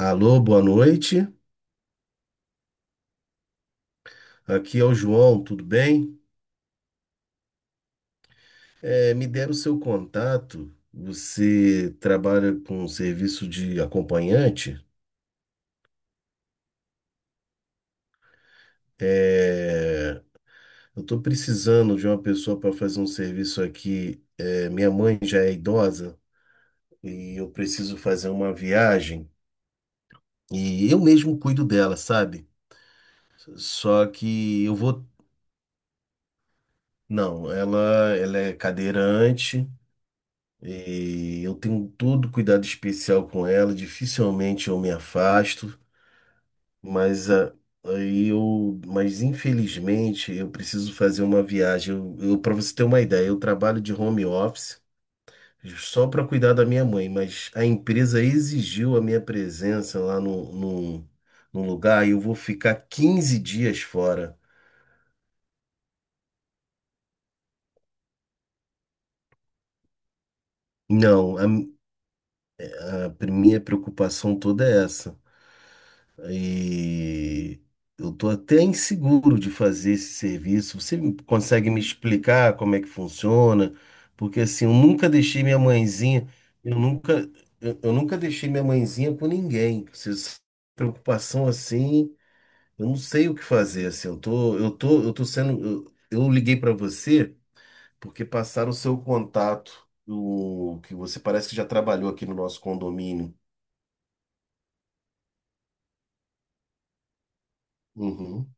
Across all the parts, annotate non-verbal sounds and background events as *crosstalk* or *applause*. Alô, boa noite. Aqui é o João, tudo bem? Me deram seu contato. Você trabalha com serviço de acompanhante? É, eu estou precisando de uma pessoa para fazer um serviço aqui. Minha mãe já é idosa e eu preciso fazer uma viagem e eu mesmo cuido dela, sabe? Só que eu vou. Não, ela é cadeirante. E eu tenho todo cuidado especial com ela, dificilmente eu me afasto, mas a- mas infelizmente eu preciso fazer uma viagem. Para você ter uma ideia, eu trabalho de home office só para cuidar da minha mãe, mas a empresa exigiu a minha presença lá no lugar e eu vou ficar 15 dias fora. Não, a minha preocupação toda é essa. E eu estou até inseguro de fazer esse serviço. Você consegue me explicar como é que funciona? Porque assim, eu nunca deixei minha mãezinha, eu nunca, eu nunca deixei minha mãezinha com ninguém. Você se- Preocupação assim, eu não sei o que fazer. Assim, eu tô sendo. Eu liguei para você porque passaram o seu contato, que você parece que já trabalhou aqui no nosso condomínio. Uhum,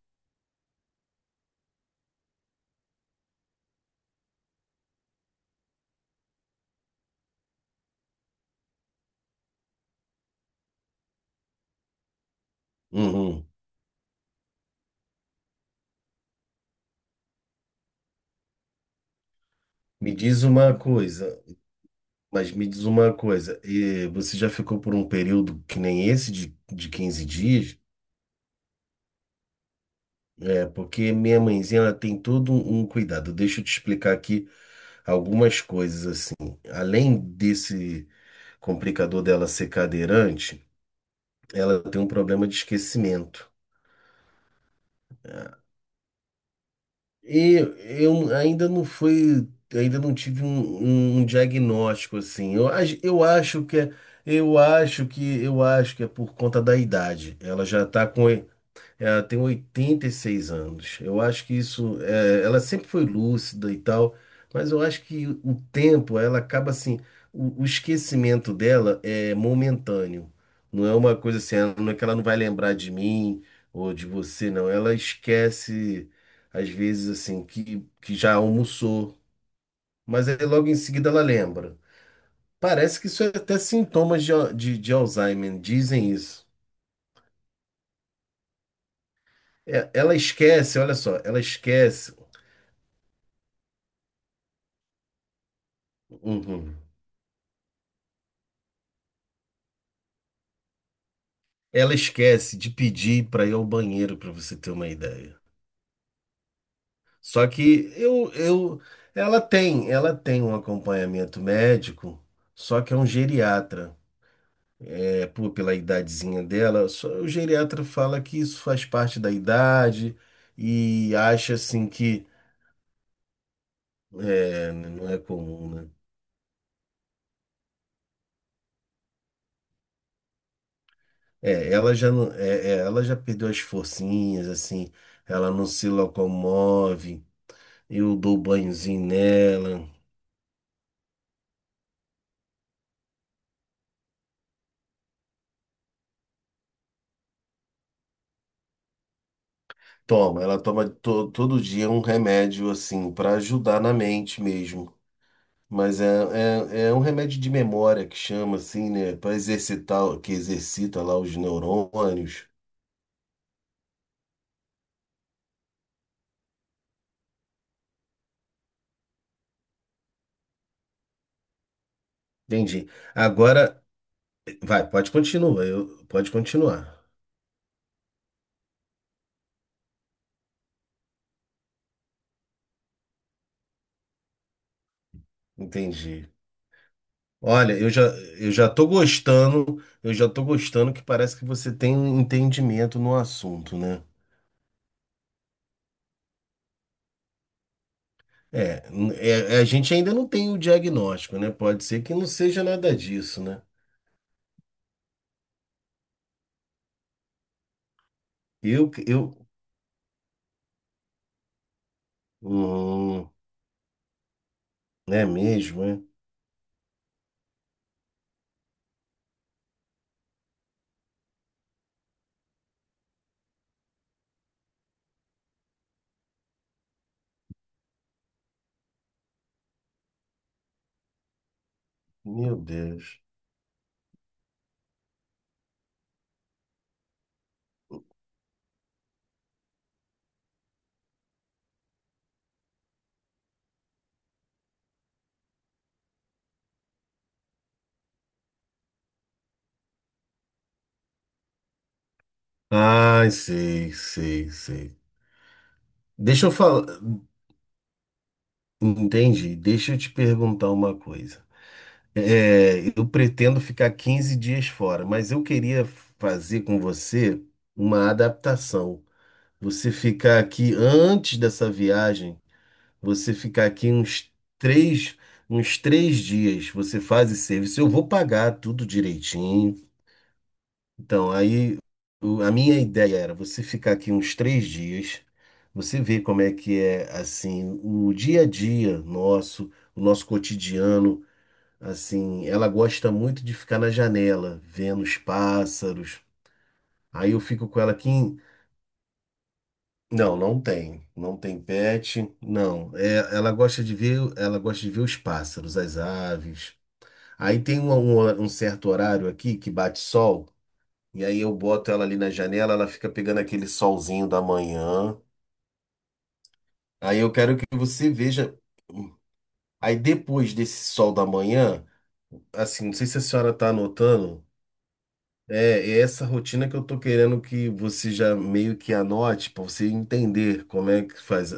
uhum. Me diz uma coisa. Mas me diz uma coisa, e você já ficou por um período que nem esse de 15 dias? Porque minha mãezinha ela tem todo um cuidado. Deixa eu te explicar aqui algumas coisas assim. Além desse complicador dela ser cadeirante, ela tem um problema de esquecimento. E eu ainda não fui, ainda não tive um diagnóstico assim. Eu acho que é, eu acho que é por conta da idade. Ela já está com Ela tem 86 anos. Eu acho que isso. Ela sempre foi lúcida e tal, mas eu acho que o tempo, ela acaba assim. O esquecimento dela é momentâneo. Não é uma coisa assim, não é que ela não vai lembrar de mim ou de você, não. Ela esquece, às vezes, assim, que já almoçou, mas aí logo em seguida ela lembra. Parece que isso é até sintomas de Alzheimer, dizem isso. Ela esquece, olha só, ela esquece. Uhum. Ela esquece de pedir para ir ao banheiro, para você ter uma ideia. Só que ela tem um acompanhamento médico, só que é um geriatra. Pô, pela idadezinha dela, o geriatra fala que isso faz parte da idade e acha assim que não é comum, né? Ela já não, ela já perdeu as forcinhas, assim, ela não se locomove, eu dou banhozinho nela. Toma, ela toma todo dia um remédio assim para ajudar na mente mesmo. Mas é um remédio de memória que chama assim, né, para exercitar, que exercita lá os neurônios. Entendi. Agora, vai, pode continuar, pode continuar. Entendi. Olha, eu já tô gostando que parece que você tem um entendimento no assunto, né? A gente ainda não tem o diagnóstico, né? Pode ser que não seja nada disso, né? Eu, eu, hum, é mesmo, é? Meu Deus. Ai, sei, sei, sei. Deixa eu falar, entendi. Deixa eu te perguntar uma coisa. Eu pretendo ficar 15 dias fora, mas eu queria fazer com você uma adaptação. Você ficar aqui antes dessa viagem, você ficar aqui três, uns três dias, você faz esse serviço. Eu vou pagar tudo direitinho. Então, aí a minha ideia era você ficar aqui uns 3 dias, você ver como é que é assim o dia a dia nosso, o nosso cotidiano. Assim, ela gosta muito de ficar na janela, vendo os pássaros. Aí eu fico com ela aqui. Não, não tem pet, não. Ela gosta de ver os pássaros, as aves. Aí tem um certo horário aqui que bate sol. E aí eu boto ela ali na janela, ela fica pegando aquele solzinho da manhã. Aí eu quero que você veja. Aí depois desse sol da manhã, assim, não sei se a senhora tá anotando, é, é essa rotina que eu tô querendo que você já meio que anote para você entender como é que faz.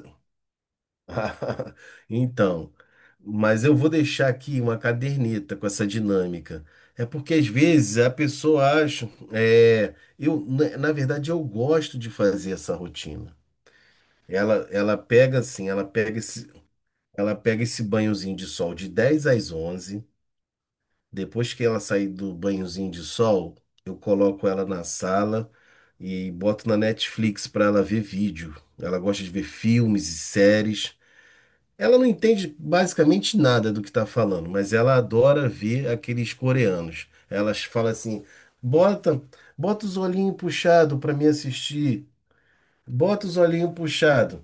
*laughs* Então, mas eu vou deixar aqui uma caderneta com essa dinâmica. É porque às vezes a pessoa acha, é, eu, na na verdade, eu gosto de fazer essa rotina. Ela, ela pega assim, ela pega esse, ela pega esse banhozinho de sol de 10 às onze. Depois que ela sair do banhozinho de sol, eu coloco ela na sala e boto na Netflix para ela ver vídeo. Ela gosta de ver filmes e séries. Ela não entende basicamente nada do que tá falando, mas ela adora ver aqueles coreanos. Elas falam assim: "Bota, bota os olhinhos puxado para me assistir. Bota os olhinhos puxado."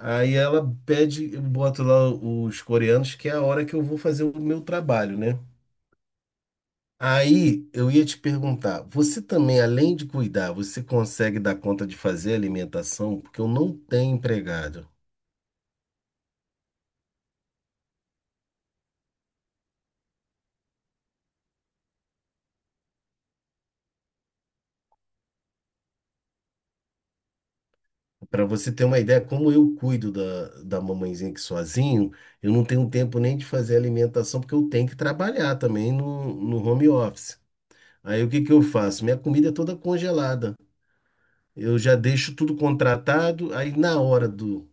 Aí ela pede, eu boto lá os coreanos, que é a hora que eu vou fazer o meu trabalho, né? Aí eu ia te perguntar, você também, além de cuidar, você consegue dar conta de fazer alimentação? Porque eu não tenho empregado. Para você ter uma ideia, como eu cuido da mamãezinha aqui sozinho, eu não tenho tempo nem de fazer alimentação, porque eu tenho que trabalhar também no home office. Aí o que que eu faço? Minha comida é toda congelada. Eu já deixo tudo contratado, aí na hora do.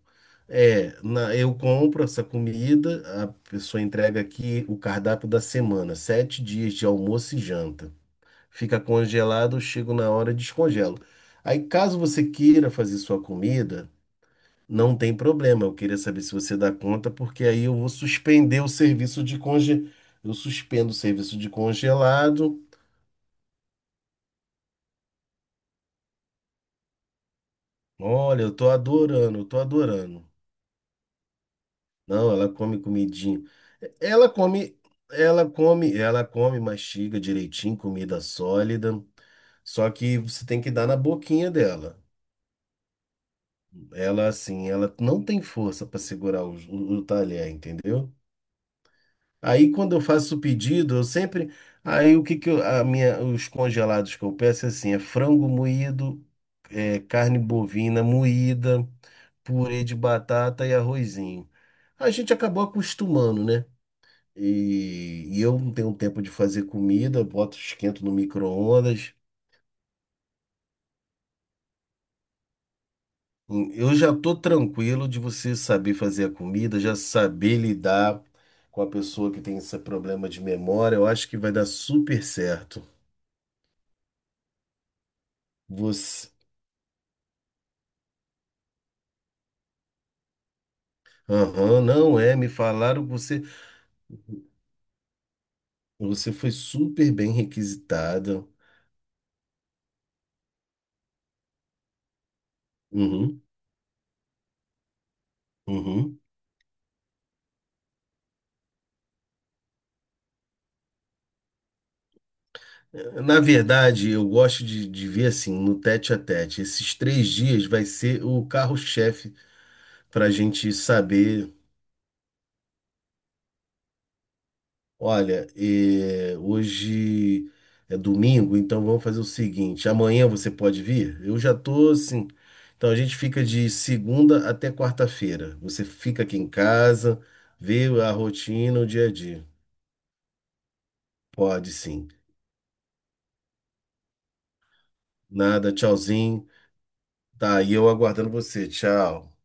Eu compro essa comida, a pessoa entrega aqui o cardápio da semana, 7 dias de almoço e janta. Fica congelado, eu chego na hora e descongelo. Aí, caso você queira fazer sua comida, não tem problema. Eu queria saber se você dá conta, porque aí eu vou suspender o serviço de conge... Eu suspendo o serviço de congelado. Olha, eu tô adorando. Não, ela come comidinho. É, Ela come, ela come, mastiga direitinho, comida sólida. Só que você tem que dar na boquinha dela. Ela, assim, ela não tem força para segurar o talher, entendeu? Aí, quando eu faço o pedido, eu sempre. Aí, o que que eu, a minha, os congelados que eu peço é assim: é frango moído, é, carne bovina moída, purê de batata e arrozinho. A gente acabou acostumando, né? E eu não tenho tempo de fazer comida, eu boto, esquento no micro-ondas. Eu já tô tranquilo de você saber fazer a comida, já saber lidar com a pessoa que tem esse problema de memória. Eu acho que vai dar super certo. Você, aham, não é? Me falaram que você foi super bem requisitada. Uhum, uhum. Na verdade, eu gosto de ver assim, no tete a tete. Esses 3 dias vai ser o carro-chefe para a gente saber, olha, hoje é domingo, então vamos fazer o seguinte, amanhã você pode vir? Eu já tô assim. Então a gente fica de segunda até quarta-feira. Você fica aqui em casa, vê a rotina, o dia a dia. Pode sim. Nada, tchauzinho. Tá, e eu aguardando você. Tchau.